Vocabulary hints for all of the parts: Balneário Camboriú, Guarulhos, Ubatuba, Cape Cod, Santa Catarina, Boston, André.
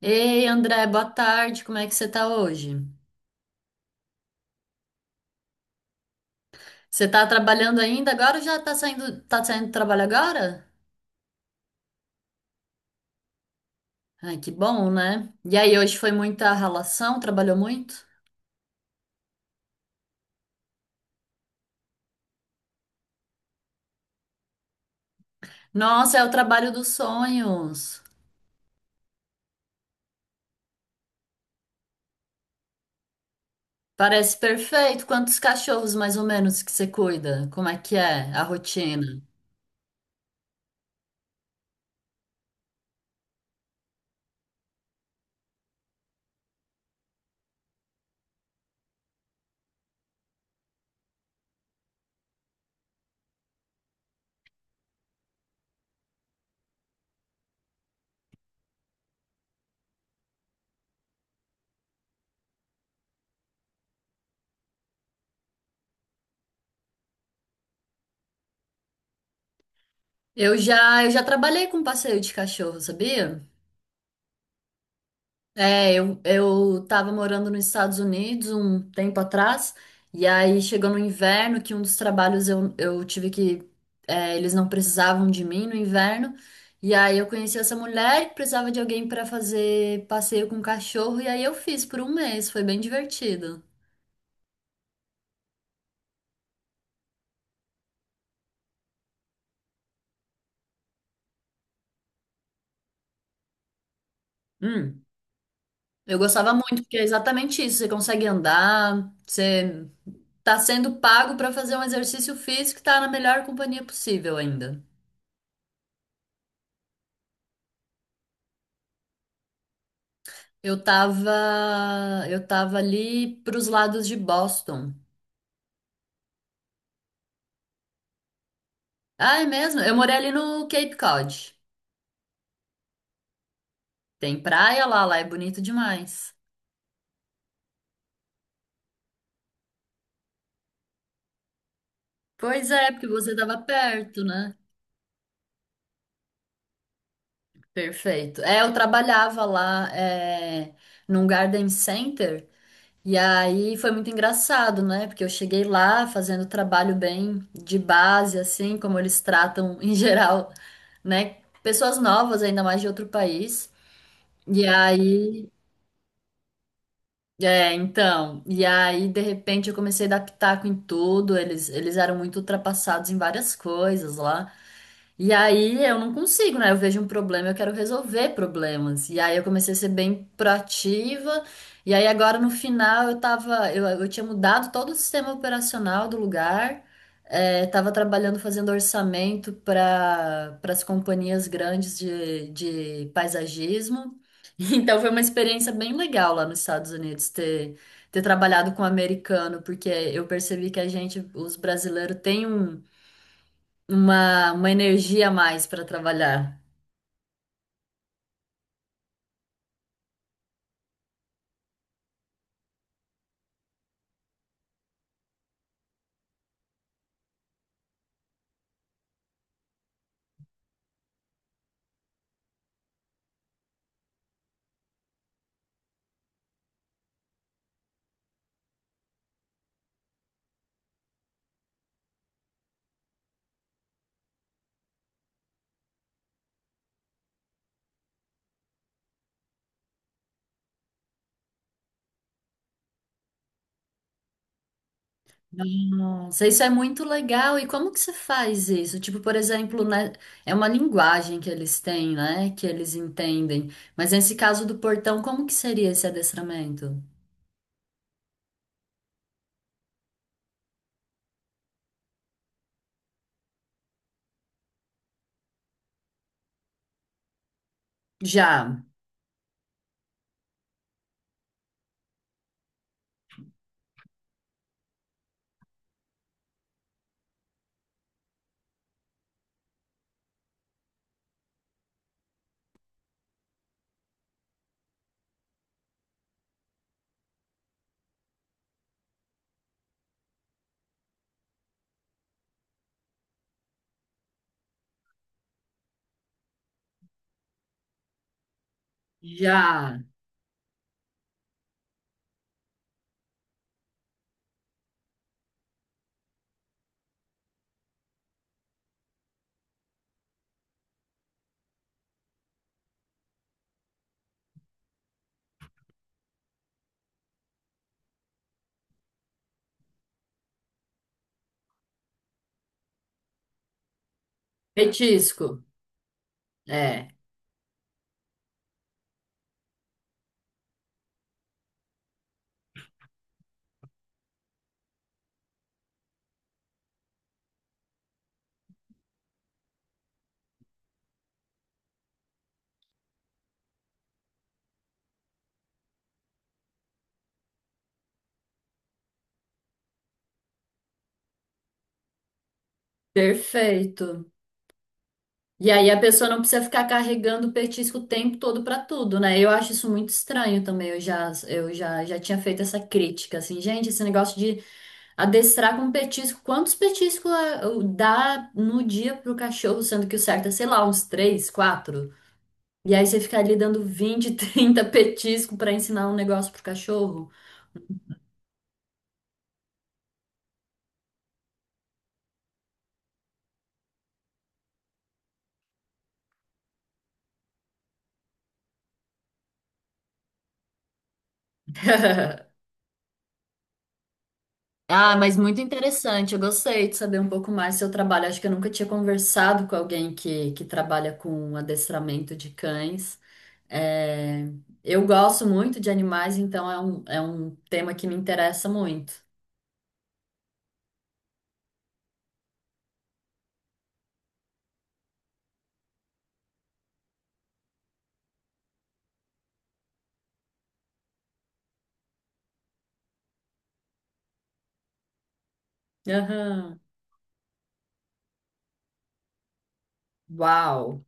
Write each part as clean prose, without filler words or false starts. Ei, André, boa tarde. Como é que você tá hoje? Você tá trabalhando ainda agora ou já tá saindo, do trabalho agora? Ai, que bom, né? E aí, hoje foi muita ralação? Trabalhou muito? Nossa, é o trabalho dos sonhos. Parece perfeito. Quantos cachorros mais ou menos que você cuida? Como é que é a rotina? Eu já trabalhei com passeio de cachorro, sabia? É, eu tava morando nos Estados Unidos um tempo atrás, e aí chegou no inverno que um dos trabalhos eu tive que. É, eles não precisavam de mim no inverno, e aí eu conheci essa mulher que precisava de alguém para fazer passeio com cachorro, e aí eu fiz por um mês, foi bem divertido. Hum, eu gostava muito, porque é exatamente isso: você consegue andar, você tá sendo pago para fazer um exercício físico e tá na melhor companhia possível ainda. Eu tava ali pros lados de Boston. Ah, é mesmo? Eu morei ali no Cape Cod. Tem praia lá, lá é bonito demais. Pois é, porque você tava perto, né? Perfeito. É, eu trabalhava lá, é, num garden center e aí foi muito engraçado, né? Porque eu cheguei lá fazendo trabalho bem de base, assim, como eles tratam em geral, né? Pessoas novas, ainda mais de outro país. E aí é, então, e aí de repente eu comecei a dar pitaco em tudo, eles eram muito ultrapassados em várias coisas lá. E aí eu não consigo, né? Eu vejo um problema, eu quero resolver problemas. E aí eu comecei a ser bem proativa. E aí agora no final eu tinha mudado todo o sistema operacional do lugar. É, tava trabalhando fazendo orçamento para as companhias grandes de paisagismo. Então foi uma experiência bem legal lá nos Estados Unidos ter trabalhado com americano, porque eu percebi que a gente, os brasileiros, tem um- uma energia a mais para trabalhar. Nossa, isso é muito legal. E como que você faz isso? Tipo, por exemplo, né, é uma linguagem que eles têm, né? Que eles entendem. Mas nesse caso do portão, como que seria esse adestramento? Já, já. Petisco. É, perfeito. E aí a pessoa não precisa ficar carregando o petisco o tempo todo pra tudo, né? Eu acho isso muito estranho também. Eu já tinha feito essa crítica, assim, gente, esse negócio de adestrar com petisco, quantos petiscos eu- dá no dia pro cachorro, sendo que o certo é, sei lá, uns três, quatro. E aí você fica ali dando 20, 30 petisco pra ensinar um negócio pro cachorro. Ah, mas muito interessante. Eu gostei de saber um pouco mais do seu trabalho. Acho que eu nunca tinha conversado com alguém que trabalha com adestramento de cães. É, eu gosto muito de animais, então é é um tema que me interessa muito. Aham. Uau!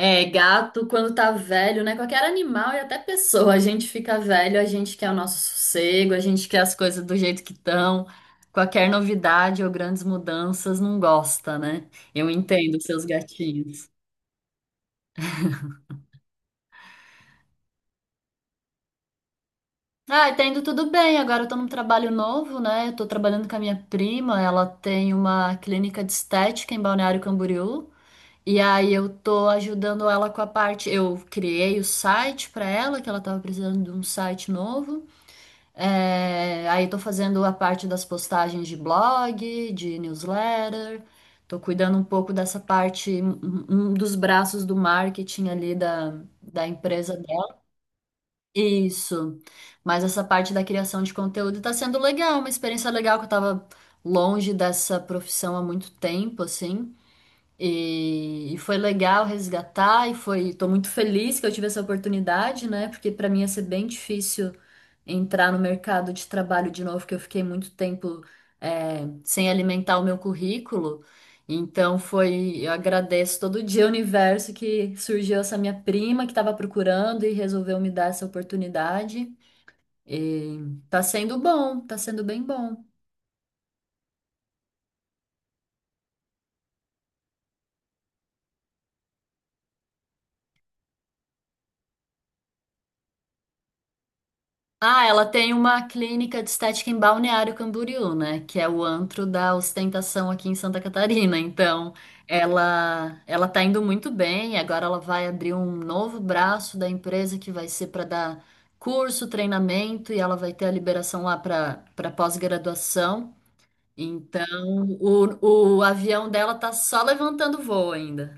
É, gato, quando tá velho, né? Qualquer animal e até pessoa, a gente fica velho, a gente quer o nosso sossego, a gente quer as coisas do jeito que estão. Qualquer novidade ou grandes mudanças não gosta, né? Eu entendo seus gatinhos. Ah, tá indo tudo bem. Agora eu tô num trabalho novo, né? Eu tô trabalhando com a minha prima, ela tem uma clínica de estética em Balneário Camboriú. E aí eu tô ajudando ela com a parte. Eu criei o site pra ela, que ela tava precisando de um site novo. É, aí tô fazendo a parte das postagens de blog, de newsletter, tô cuidando um pouco dessa parte, um dos braços do marketing ali da, da empresa dela. Isso. Mas essa parte da criação de conteúdo tá sendo legal, uma experiência legal que eu tava longe dessa profissão há muito tempo, assim. E foi legal resgatar e foi, tô muito feliz que eu tive essa oportunidade, né? Porque para mim ia ser bem difícil entrar no mercado de trabalho de novo, que eu fiquei muito tempo é, sem alimentar o meu currículo. Então foi, eu agradeço todo dia o universo que surgiu essa minha prima que estava procurando e resolveu me dar essa oportunidade. E tá sendo bom, tá sendo bem bom. Ah, ela tem uma clínica de estética em Balneário Camboriú, né? Que é o antro da ostentação aqui em Santa Catarina. Então, ela tá indo muito bem. Agora ela vai abrir um novo braço da empresa que vai ser para dar curso, treinamento e ela vai ter a liberação lá para pós-graduação. Então, o avião dela tá só levantando voo ainda.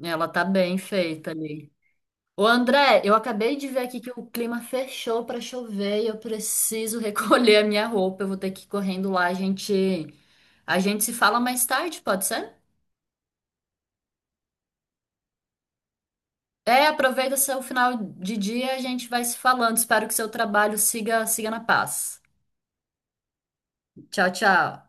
Ela tá bem feita ali. Ô André, eu acabei de ver aqui que o clima fechou pra chover e eu preciso recolher a minha roupa. Eu vou ter que ir correndo lá. A gente se fala mais tarde, pode ser? É, aproveita seu final de dia, a gente vai se falando. Espero que seu trabalho siga, siga na paz. Tchau, tchau.